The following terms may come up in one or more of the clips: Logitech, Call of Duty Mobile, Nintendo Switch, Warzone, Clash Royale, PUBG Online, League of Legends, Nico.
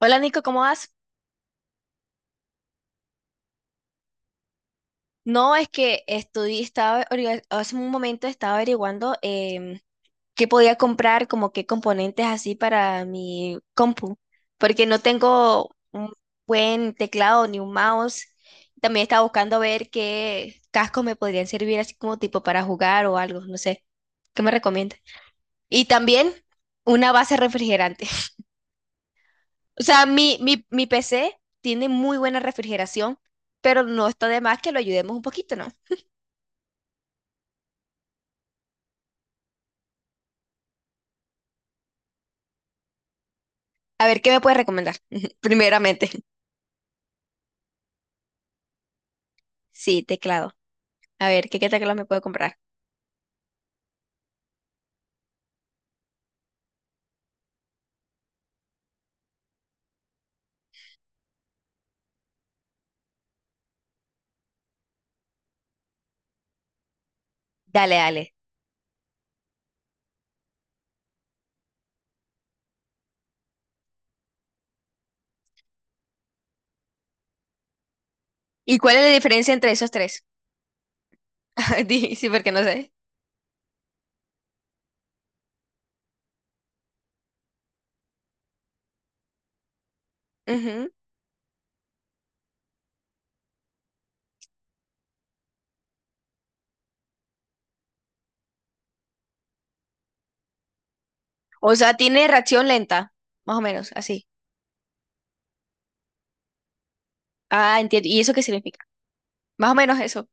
Hola, Nico, ¿cómo vas? No, es que estudié, estaba, hace un momento estaba averiguando qué podía comprar, como qué componentes así para mi compu, porque no tengo un buen teclado ni un mouse. También estaba buscando ver qué cascos me podrían servir así como tipo para jugar o algo, no sé, ¿qué me recomiendas? Y también una base refrigerante. O sea, mi PC tiene muy buena refrigeración, pero no está de más que lo ayudemos un poquito, ¿no? A ver, ¿qué me puedes recomendar? Primeramente. Sí, teclado. A ver, ¿qué teclado me puedo comprar? Dale, dale. ¿Y cuál es la diferencia entre esos tres? Sí, porque no sé. Ujú. O sea, tiene reacción lenta, más o menos, así. Ah, entiendo. ¿Y eso qué significa? Más o menos eso.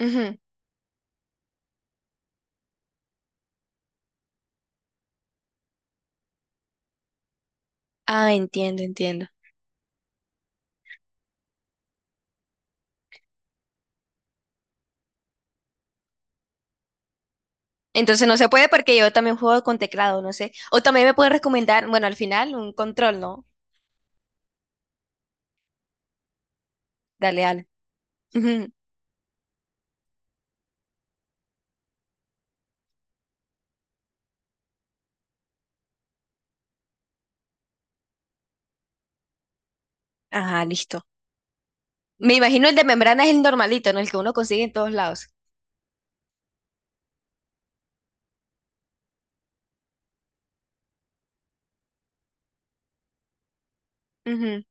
Ujú. Ah, entiendo, entiendo. Entonces no se puede porque yo también juego con teclado, no sé. O también me pueden recomendar, bueno, al final un control, ¿no? Dale, dale. Ujú. Ajá, listo. Me imagino el de membrana es el normalito, ¿no? El que uno consigue en todos lados. Ujú.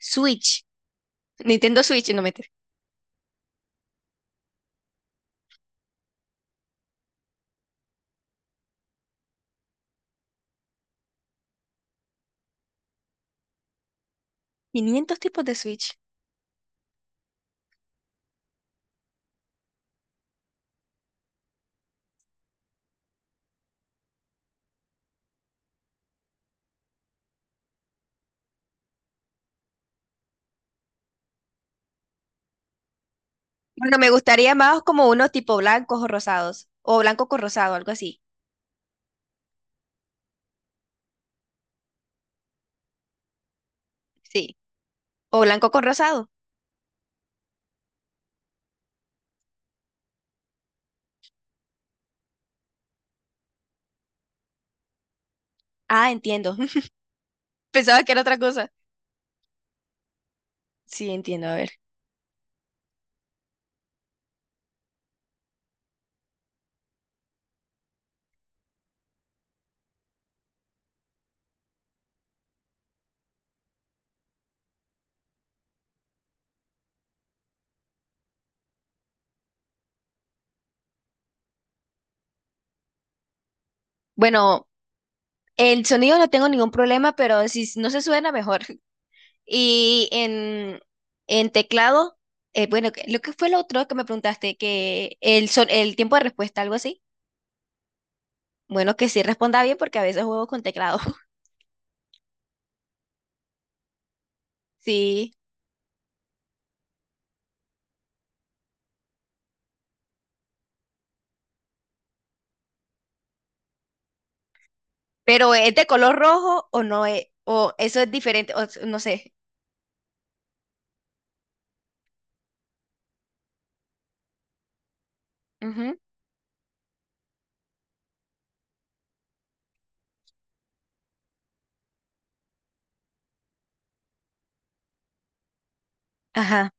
Switch, Nintendo Switch, no meter. 500 tipos de Switch. Bueno, me gustaría más como unos tipo blancos o rosados, o blanco con rosado, algo así. Sí, o blanco con rosado. Ah, entiendo. Pensaba que era otra cosa. Sí, entiendo, a ver. Bueno, el sonido no tengo ningún problema, pero no se suena mejor. Y en, en teclado, bueno, lo que fue lo otro que me preguntaste, que el tiempo de respuesta, algo así. Bueno, que sí responda bien porque a veces juego con teclado. Sí. Pero ¿es de color rojo o no es? O eso es diferente, o no sé. Ujú. Ajá.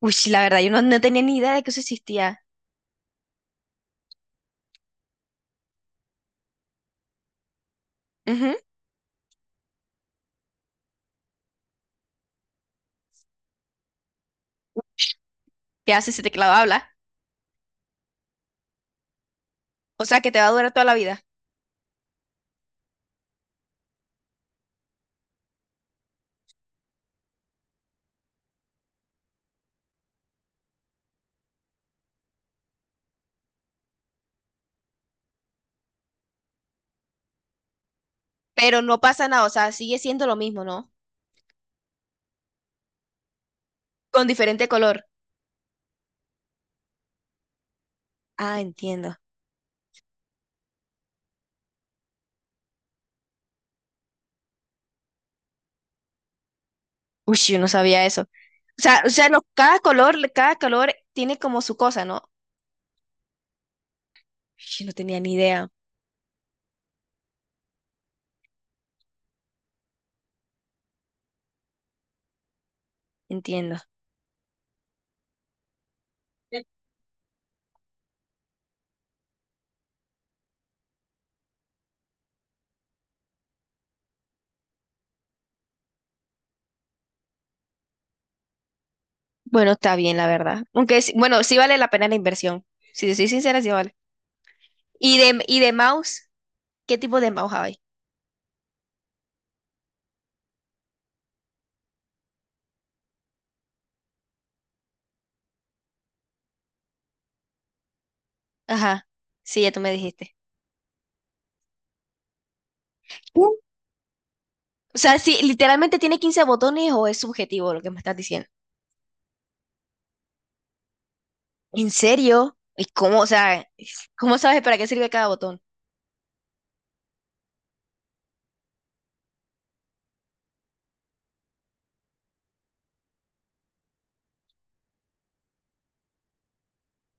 Uy, sí, la verdad, yo no, no tenía ni idea de que eso existía. Ujú. ¿Qué haces si te clava habla? O sea, que te va a durar toda la vida. Pero no pasa nada, o sea, sigue siendo lo mismo, ¿no? Con diferente color. Ah, entiendo. Uy, yo no sabía eso. O sea, cada color tiene como su cosa, ¿no? Yo no tenía ni idea. Entiendo. Bueno, está bien, la verdad. Bueno, sí vale la pena la inversión. Si te soy sincera, sí vale. ¿Y de mouse? ¿Qué tipo de mouse hay? Ajá, sí, ya tú me dijiste. Sí. O sea, si literalmente tiene 15 botones o es subjetivo lo que me estás diciendo. ¿En serio? ¿Y cómo, o sea, cómo sabes para qué sirve cada botón?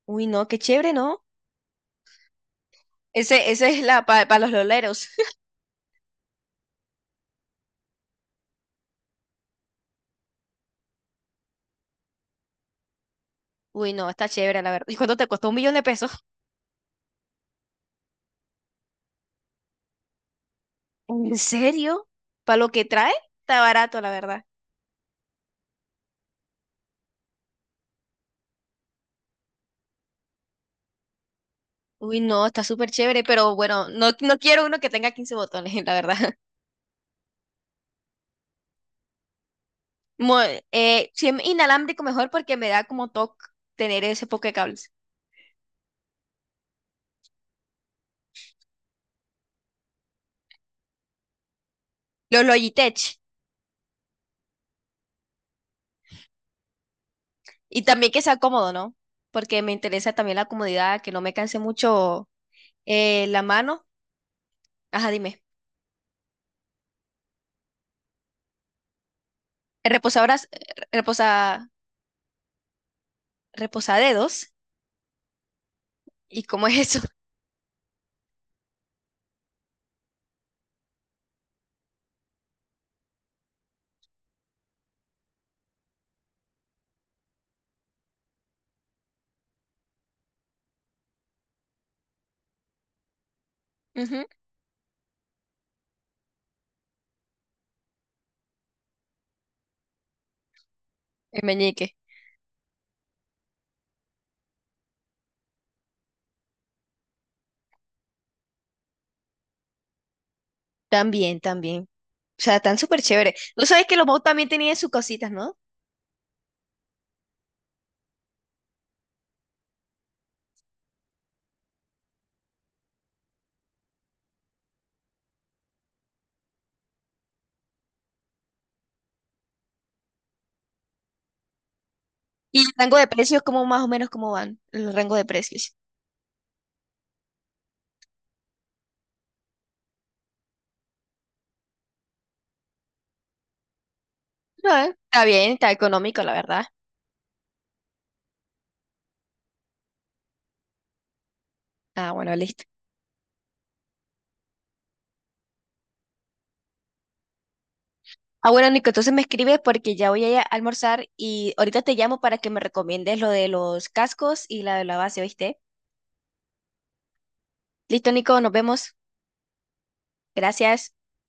Uy, no, qué chévere, ¿no? Ese, esa es la para los loleros. Uy, no, está chévere, la verdad. ¿Y cuánto te costó? ¿Un millón de pesos? ¿En serio? ¿Para lo que trae? Está barato, la verdad. Uy, no, está súper chévere, pero bueno, no, no quiero uno que tenga 15 botones, la verdad. Mo- si es inalámbrico mejor porque me da como toque tener ese poco de cables. Los Logitech. Y también que sea cómodo, ¿no? Porque me interesa también la comodidad, que no me canse mucho la mano. Ajá, dime. Reposadoras, eh, reposa, reposadedos. ¿Y cómo es eso? Ujú. El meñique. También, también. O sea, están súper chévere. Tú sabes que los mouse también tenían sus cositas, ¿no? ¿Y el rango de precios, cómo más o menos cómo van? El rango de precios. No, Está bien, está económico, la verdad. Ah, bueno, listo. Ah, bueno, Nico, entonces me escribes porque ya voy a ir a almorzar y ahorita te llamo para que me recomiendes lo de los cascos y la de la base, ¿oíste? Listo, Nico, nos vemos. Gracias.